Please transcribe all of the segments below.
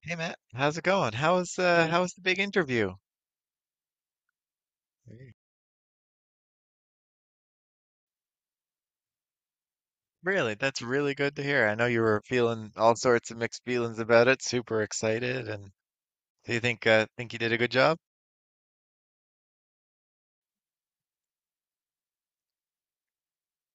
Hey Matt, how's it going? How's Hey. How was the big interview? Hey. Really, that's really good to hear. I know you were feeling all sorts of mixed feelings about it, super excited, and do you think you did a good job?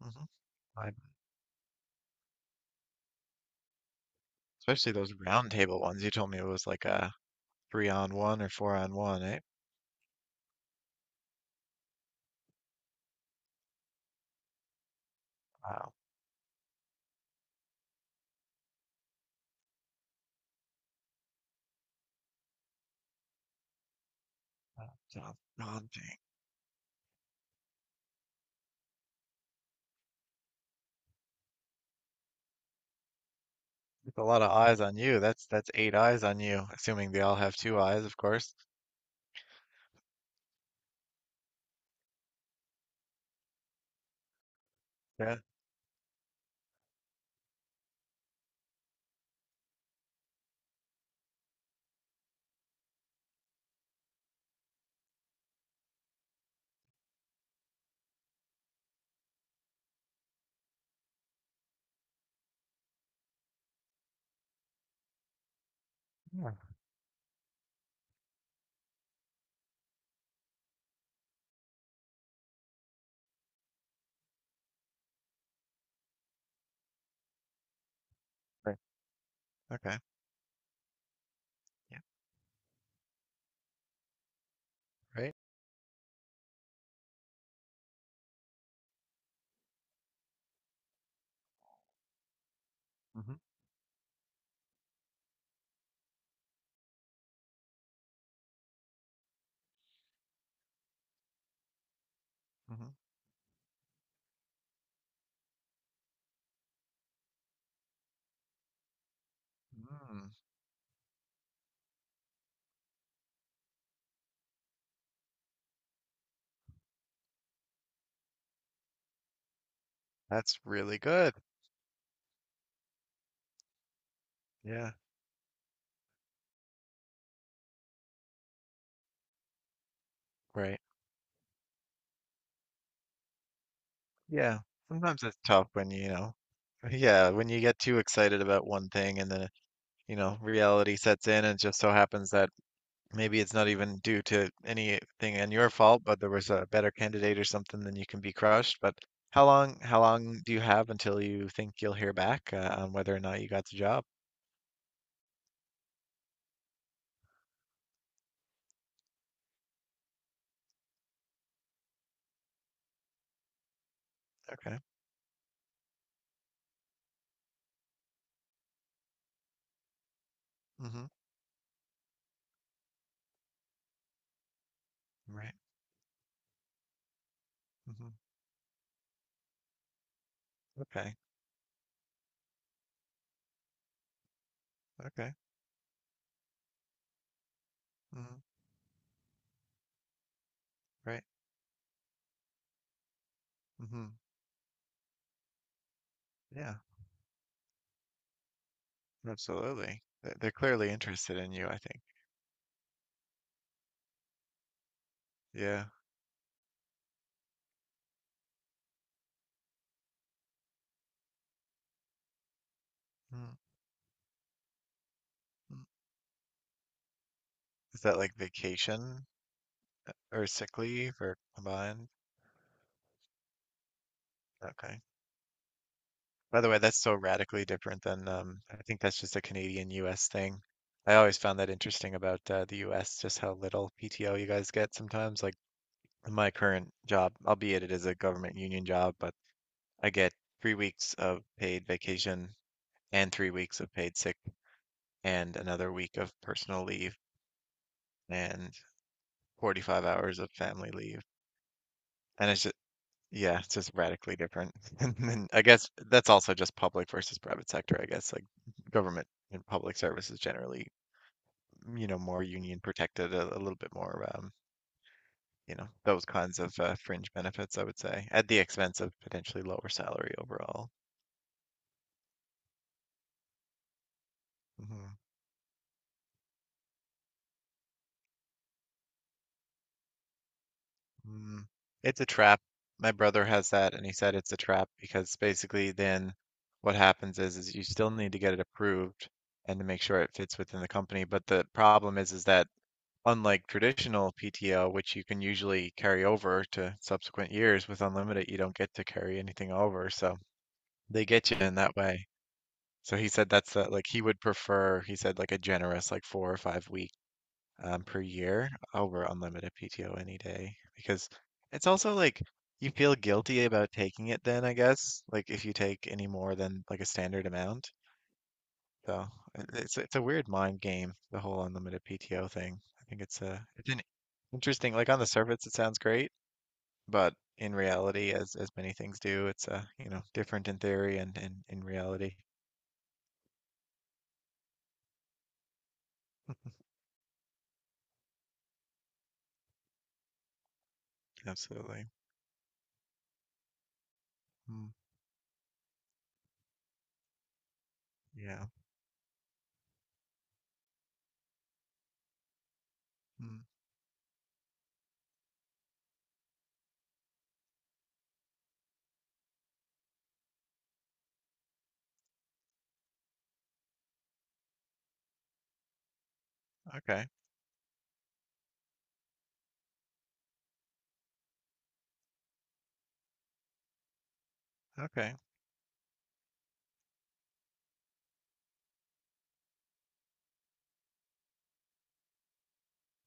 Hmm. I, especially those round table ones. You told me it was like a three on one or four on one, eh? Wow, that sounds daunting. With a lot of eyes on you. That's eight eyes on you, assuming they all have two eyes, of course. Yeah. Yeah. Right. Okay. Yeah. Right. Mm-hmm. Mm-hmm. Mm. That's really good. Yeah, right. Yeah. Sometimes it's tough yeah, when you get too excited about one thing and then, reality sets in and it just so happens that maybe it's not even due to anything on your fault, but there was a better candidate or something, then you can be crushed. But how long do you have until you think you'll hear back on whether or not you got the job? Okay. Mm-hmm. Right. Mm-hmm. Okay. Okay. Mm-hmm. Right. Mm-hmm. Yeah, absolutely. They're clearly interested in you, I think. Yeah. Hmm. Mm. Is that like vacation or sick leave or combined? Okay. By the way, that's so radically different than I think that's just a Canadian US thing. I always found that interesting about the US, just how little PTO you guys get sometimes. Like in my current job, albeit it is a government union job, but I get 3 weeks of paid vacation and 3 weeks of paid sick and another week of personal leave and 45 hours of family leave. And it's yeah, it's just radically different. And then I guess that's also just public versus private sector, I guess. Like government and public service is generally, mm, you know, more union protected, a little bit more, you know, those kinds of fringe benefits, I would say, at the expense of potentially lower salary overall. Mhm. Mm. It's a trap. My brother has that, and he said it's a trap because basically then what happens is you still need to get it approved and to make sure it fits within the company. But the problem is that unlike traditional PTO, which you can usually carry over to subsequent years, with unlimited, you don't get to carry anything over. So they get you in that way. So he said that's like he would prefer, he said like a generous like 4 or 5 week per year over unlimited PTO any day because it's also like you feel guilty about taking it then, I guess, like if you take any more than like a standard amount. So it's a weird mind game, the whole unlimited PTO thing. I think it's interesting. Like on the surface, it sounds great, but in reality, as many things do, it's you know, different in theory and in reality. Absolutely. Mm, yeah. Mm, okay. Okay.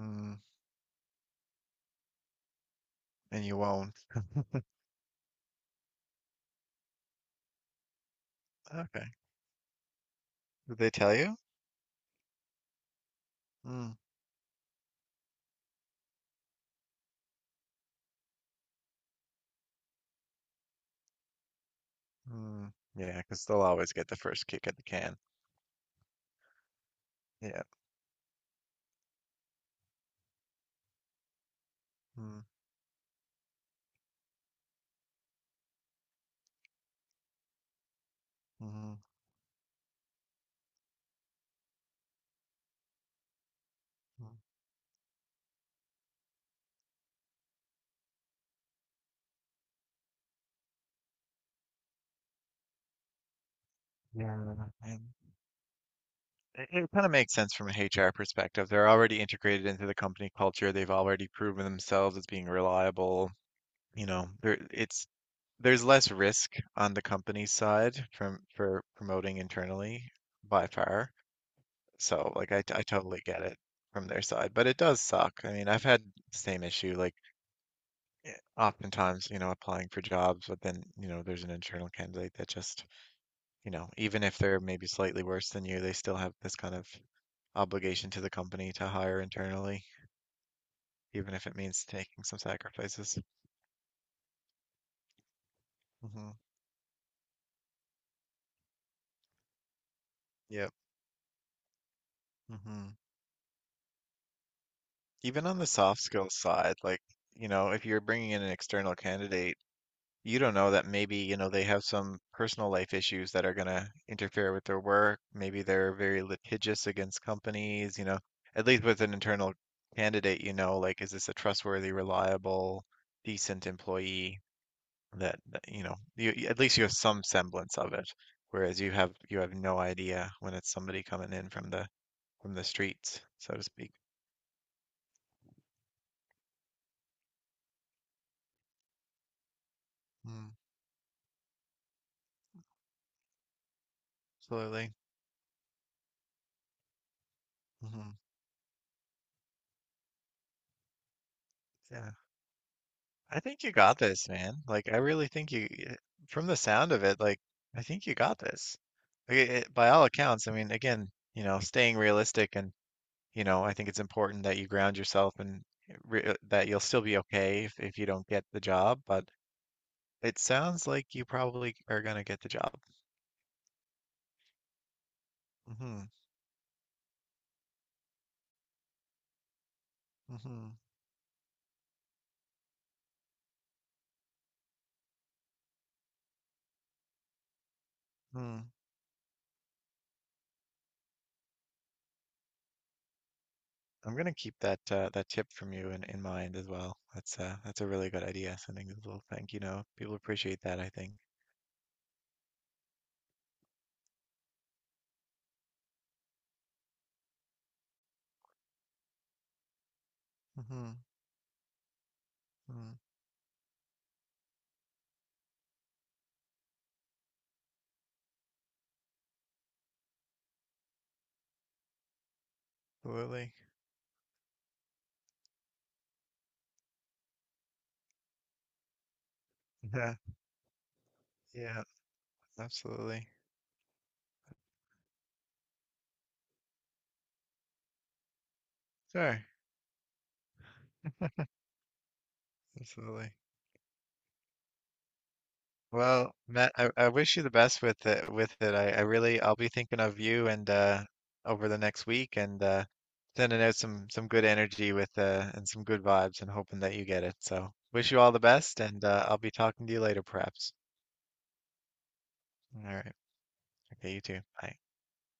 Mm, and you won't. Okay. Did they tell you? Mm, mm, yeah, because they'll always get the first kick at the can. Yeah. Mm, mm, mm. Yeah. And it kind of makes sense from an HR perspective. They're already integrated into the company culture. They've already proven themselves as being reliable. You know, there it's there's less risk on the company side from for promoting internally by far. So like I totally get it from their side, but it does suck. I mean, I've had the same issue like oftentimes, you know, applying for jobs, but then, you know, there's an internal candidate that just, you know, even if they're maybe slightly worse than you, they still have this kind of obligation to the company to hire internally, even if it means taking some sacrifices. Hmm. Yep. Hmm. Even on the soft skills side, like, you know, if you're bringing in an external candidate, you don't know that maybe, you know, they have some personal life issues that are going to interfere with their work. Maybe they're very litigious against companies, you know. At least with an internal candidate, you know, like, is this a trustworthy, reliable, decent employee you know, at least you have some semblance of it. Whereas you have no idea when it's somebody coming in from the streets, so to speak. Mm, absolutely. Mhm. Yeah. I think you got this, man. Like, I really think from the sound of it, like, I think you got this. Like, by all accounts, I mean, again, you know, staying realistic and, you know, I think it's important that you ground yourself and that you'll still be okay if you don't get the job, but it sounds like you probably are gonna get the job. Hmm. Hmm. Hmm. I'm gonna keep that that tip from you in mind as well. That's a really good idea, sending a little thank you note. People appreciate that, I think. Mm-hmm. Hmm. Absolutely. Yeah, yeah, absolutely. Sure, absolutely. Well, Matt, I wish you the best with it with it. I really I'll be thinking of you and over the next week and sending out some good energy with and some good vibes and hoping that you get it. So wish you all the best and I'll be talking to you later perhaps. All right. Okay, you too. Bye.